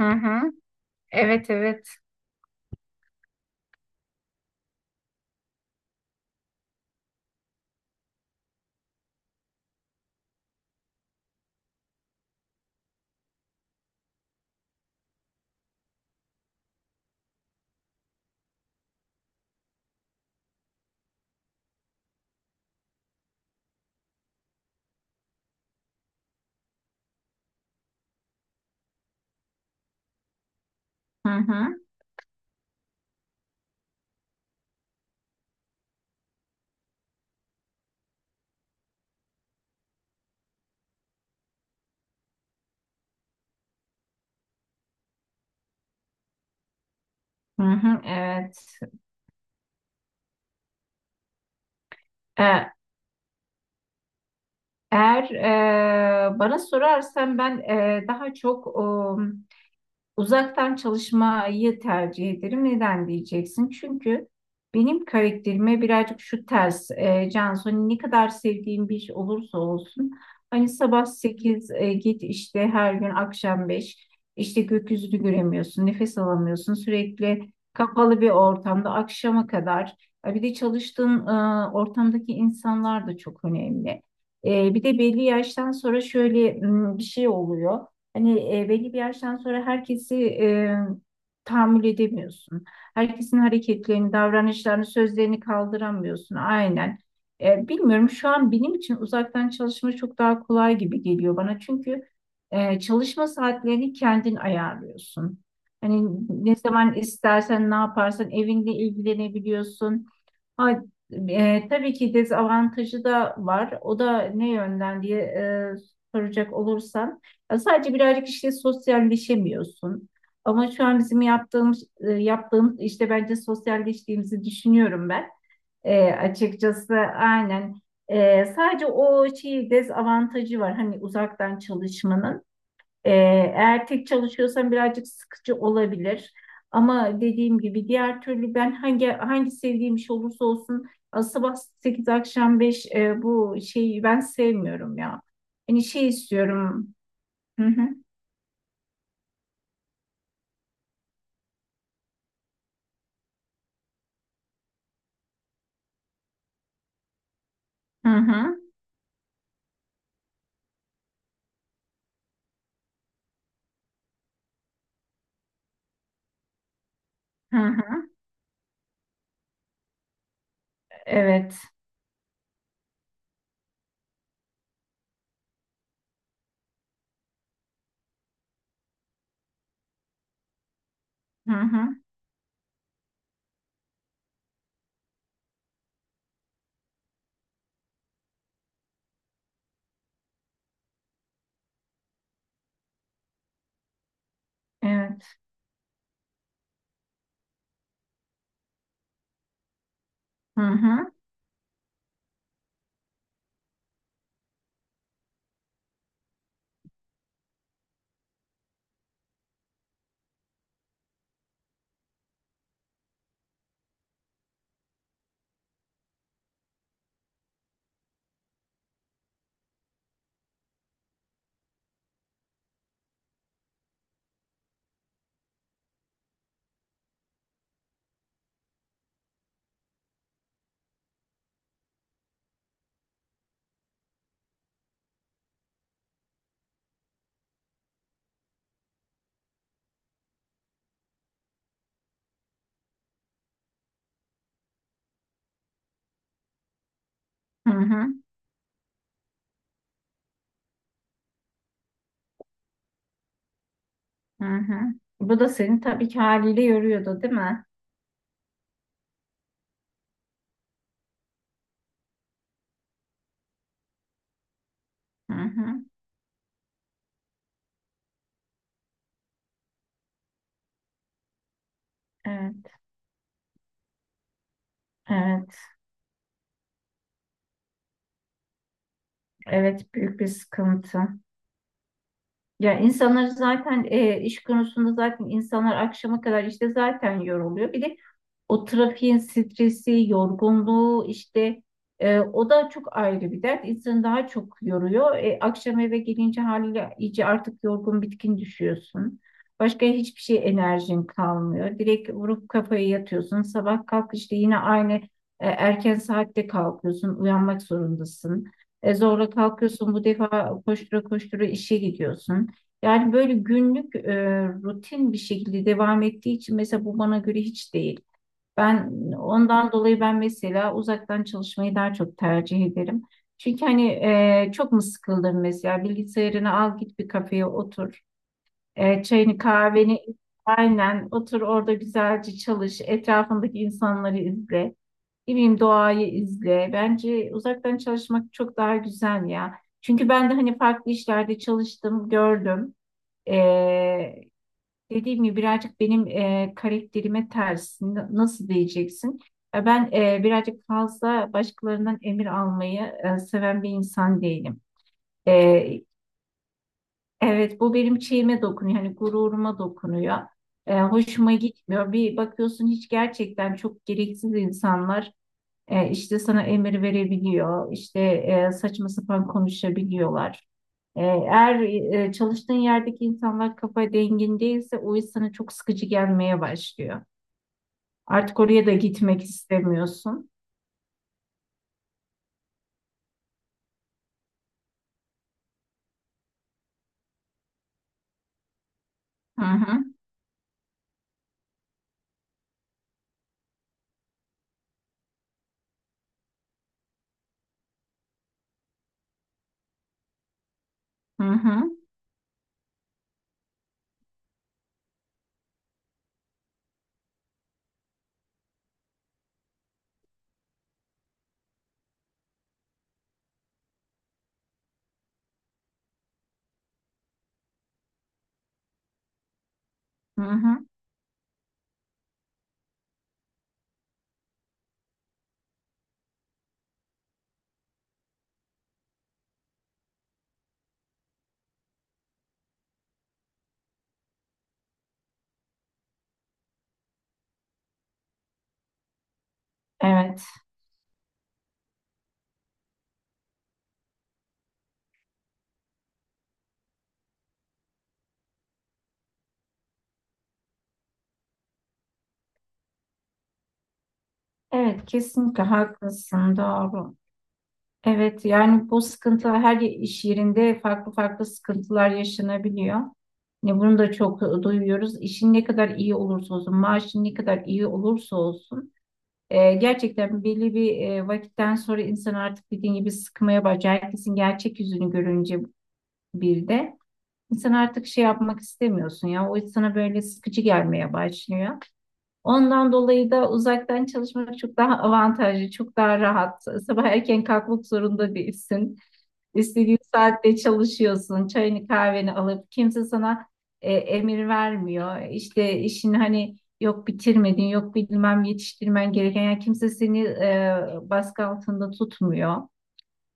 Hı hı. Evet, evet. Hı hı, hı hı, evet. E, Eğer Bana sorarsan ben daha çok uzaktan çalışmayı tercih ederim. Neden diyeceksin? Çünkü benim karakterime birazcık şu ters. Cansu, hani ne kadar sevdiğim bir iş olursa olsun. Hani sabah 8 git işte her gün akşam 5 işte, gökyüzünü göremiyorsun, nefes alamıyorsun. Sürekli kapalı bir ortamda akşama kadar. Bir de çalıştığın ortamdaki insanlar da çok önemli. Bir de belli yaştan sonra şöyle bir şey oluyor. Hani belli bir yaştan sonra herkesi, tahammül edemiyorsun. Herkesin hareketlerini, davranışlarını, sözlerini kaldıramıyorsun. Aynen. Bilmiyorum, şu an benim için uzaktan çalışma çok daha kolay gibi geliyor bana. Çünkü çalışma saatlerini kendin ayarlıyorsun. Hani ne zaman istersen, ne yaparsan evinde ilgilenebiliyorsun. Ha, tabii ki dezavantajı da var. O da ne yönden diye soracak olursan, ya sadece birazcık işte sosyalleşemiyorsun. Ama şu an bizim yaptığımız işte bence sosyalleştiğimizi düşünüyorum ben. Açıkçası aynen. Sadece o şey dezavantajı var. Hani uzaktan çalışmanın. Ee, Eğer tek çalışıyorsan birazcık sıkıcı olabilir. Ama dediğim gibi diğer türlü ben hangi sevdiğim iş olursa olsun, sabah 8 akşam beş, bu şeyi ben sevmiyorum ya. Hani şey istiyorum. Hı hı, hı hı, hı, hı. Evet. Hı hı. Evet. Hı hı, hı hı, hı, hı. Bu da seni tabii ki haliyle yoruyordu, değil mi? Hı hı. Evet. Evet. Evet, büyük bir sıkıntı. Ya, insanlar zaten iş konusunda zaten insanlar akşama kadar işte zaten yoruluyor. Bir de o trafiğin stresi, yorgunluğu işte, o da çok ayrı bir dert. İnsanı daha çok yoruyor. Akşam eve gelince haliyle iyice artık yorgun bitkin düşüyorsun. Başka hiçbir şey, enerjin kalmıyor. Direkt vurup kafaya yatıyorsun. Sabah kalk işte yine aynı erken saatte kalkıyorsun. Uyanmak zorundasın. Zorla kalkıyorsun. Bu defa koştura koştura işe gidiyorsun. Yani böyle günlük rutin bir şekilde devam ettiği için mesela bu bana göre hiç değil. Ben ondan dolayı mesela uzaktan çalışmayı daha çok tercih ederim. Çünkü hani, çok mu sıkıldın, mesela bilgisayarını al, git bir kafeye otur. Çayını kahveni aynen otur orada, güzelce çalış. Etrafındaki insanları izle. Ne bileyim, doğayı izle. Bence uzaktan çalışmak çok daha güzel ya. Çünkü ben de hani farklı işlerde çalıştım, gördüm. Dediğim gibi birazcık benim karakterime ters. Nasıl diyeceksin? Ben birazcık fazla başkalarından emir almayı seven bir insan değilim. E, evet, bu benim şeyime dokunuyor. Hani gururuma dokunuyor. Hoşuma gitmiyor. Bir bakıyorsun, hiç gerçekten çok gereksiz insanlar işte sana emir verebiliyor. İşte saçma sapan konuşabiliyorlar. Eğer çalıştığın yerdeki insanlar kafa dengin değilse, o iş sana çok sıkıcı gelmeye başlıyor. Artık oraya da gitmek istemiyorsun. Hı hı, hı hı, hı hı. Evet, evet, kesinlikle haklısın, doğru. Evet, yani bu sıkıntılar her iş yerinde farklı farklı sıkıntılar yaşanabiliyor. Ne bunu da çok duyuyoruz. İşin ne kadar iyi olursa olsun, maaşın ne kadar iyi olursa olsun. Gerçekten belli bir vakitten sonra insan artık dediğin gibi sıkmaya başlıyor. Herkesin gerçek yüzünü görünce bir de insan artık şey yapmak istemiyorsun ya. O sana böyle sıkıcı gelmeye başlıyor. Ondan dolayı da uzaktan çalışmak çok daha avantajlı, çok daha rahat. Sabah erken kalkmak zorunda değilsin. İstediğin saatte çalışıyorsun, çayını kahveni alıp kimse sana emir vermiyor. İşte işini hani yok bitirmedin, yok bilmem yetiştirmen gereken, yani kimse seni baskı altında tutmuyor.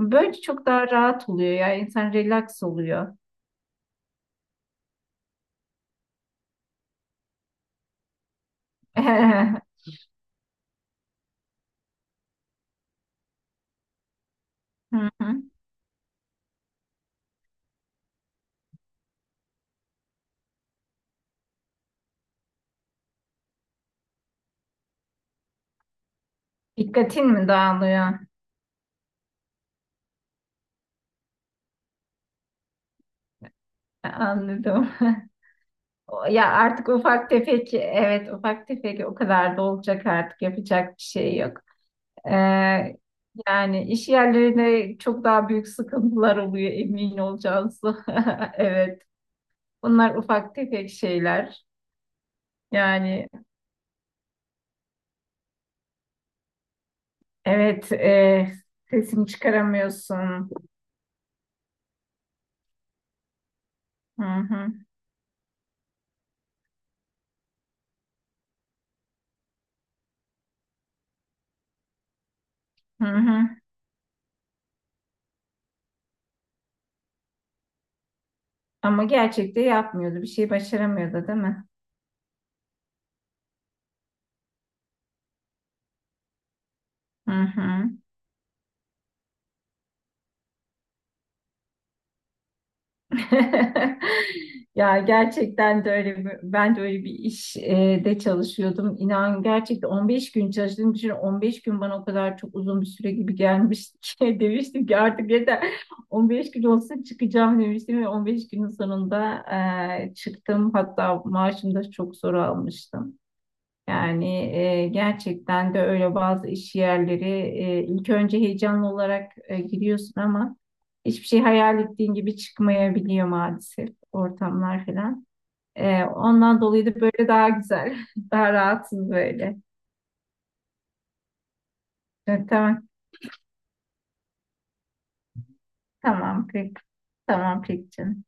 Böyle çok daha rahat oluyor ya, insan relax oluyor. Hı hı. Dikkatin mi dağılıyor? Anladım. Ya artık ufak tefek, evet ufak tefek, o kadar da olacak, artık yapacak bir şey yok. Ee, Yani iş yerlerinde çok daha büyük sıkıntılar oluyor, emin olacağız. Evet. Bunlar ufak tefek şeyler. Yani evet, sesini çıkaramıyorsun. Hı hı, hı hı. Ama gerçekte yapmıyordu. Bir şey başaramıyordu, değil mi? Hı hı. Ya, gerçekten de öyle ben de öyle bir iş de çalışıyordum. İnan gerçekten 15 gün çalıştığım için, 15 gün bana o kadar çok uzun bir süre gibi gelmişti ki demiştim ki artık yeter, 15 gün olsa çıkacağım demiştim ve 15 günün sonunda çıktım. Hatta maaşımı da çok zor almıştım. Yani gerçekten de öyle, bazı iş yerleri ilk önce heyecanlı olarak giriyorsun ama hiçbir şey hayal ettiğin gibi çıkmayabiliyor, maalesef ortamlar falan. Ondan dolayı da böyle daha güzel, daha rahatsız böyle. Tamam, tamam peki, tamam peki canım.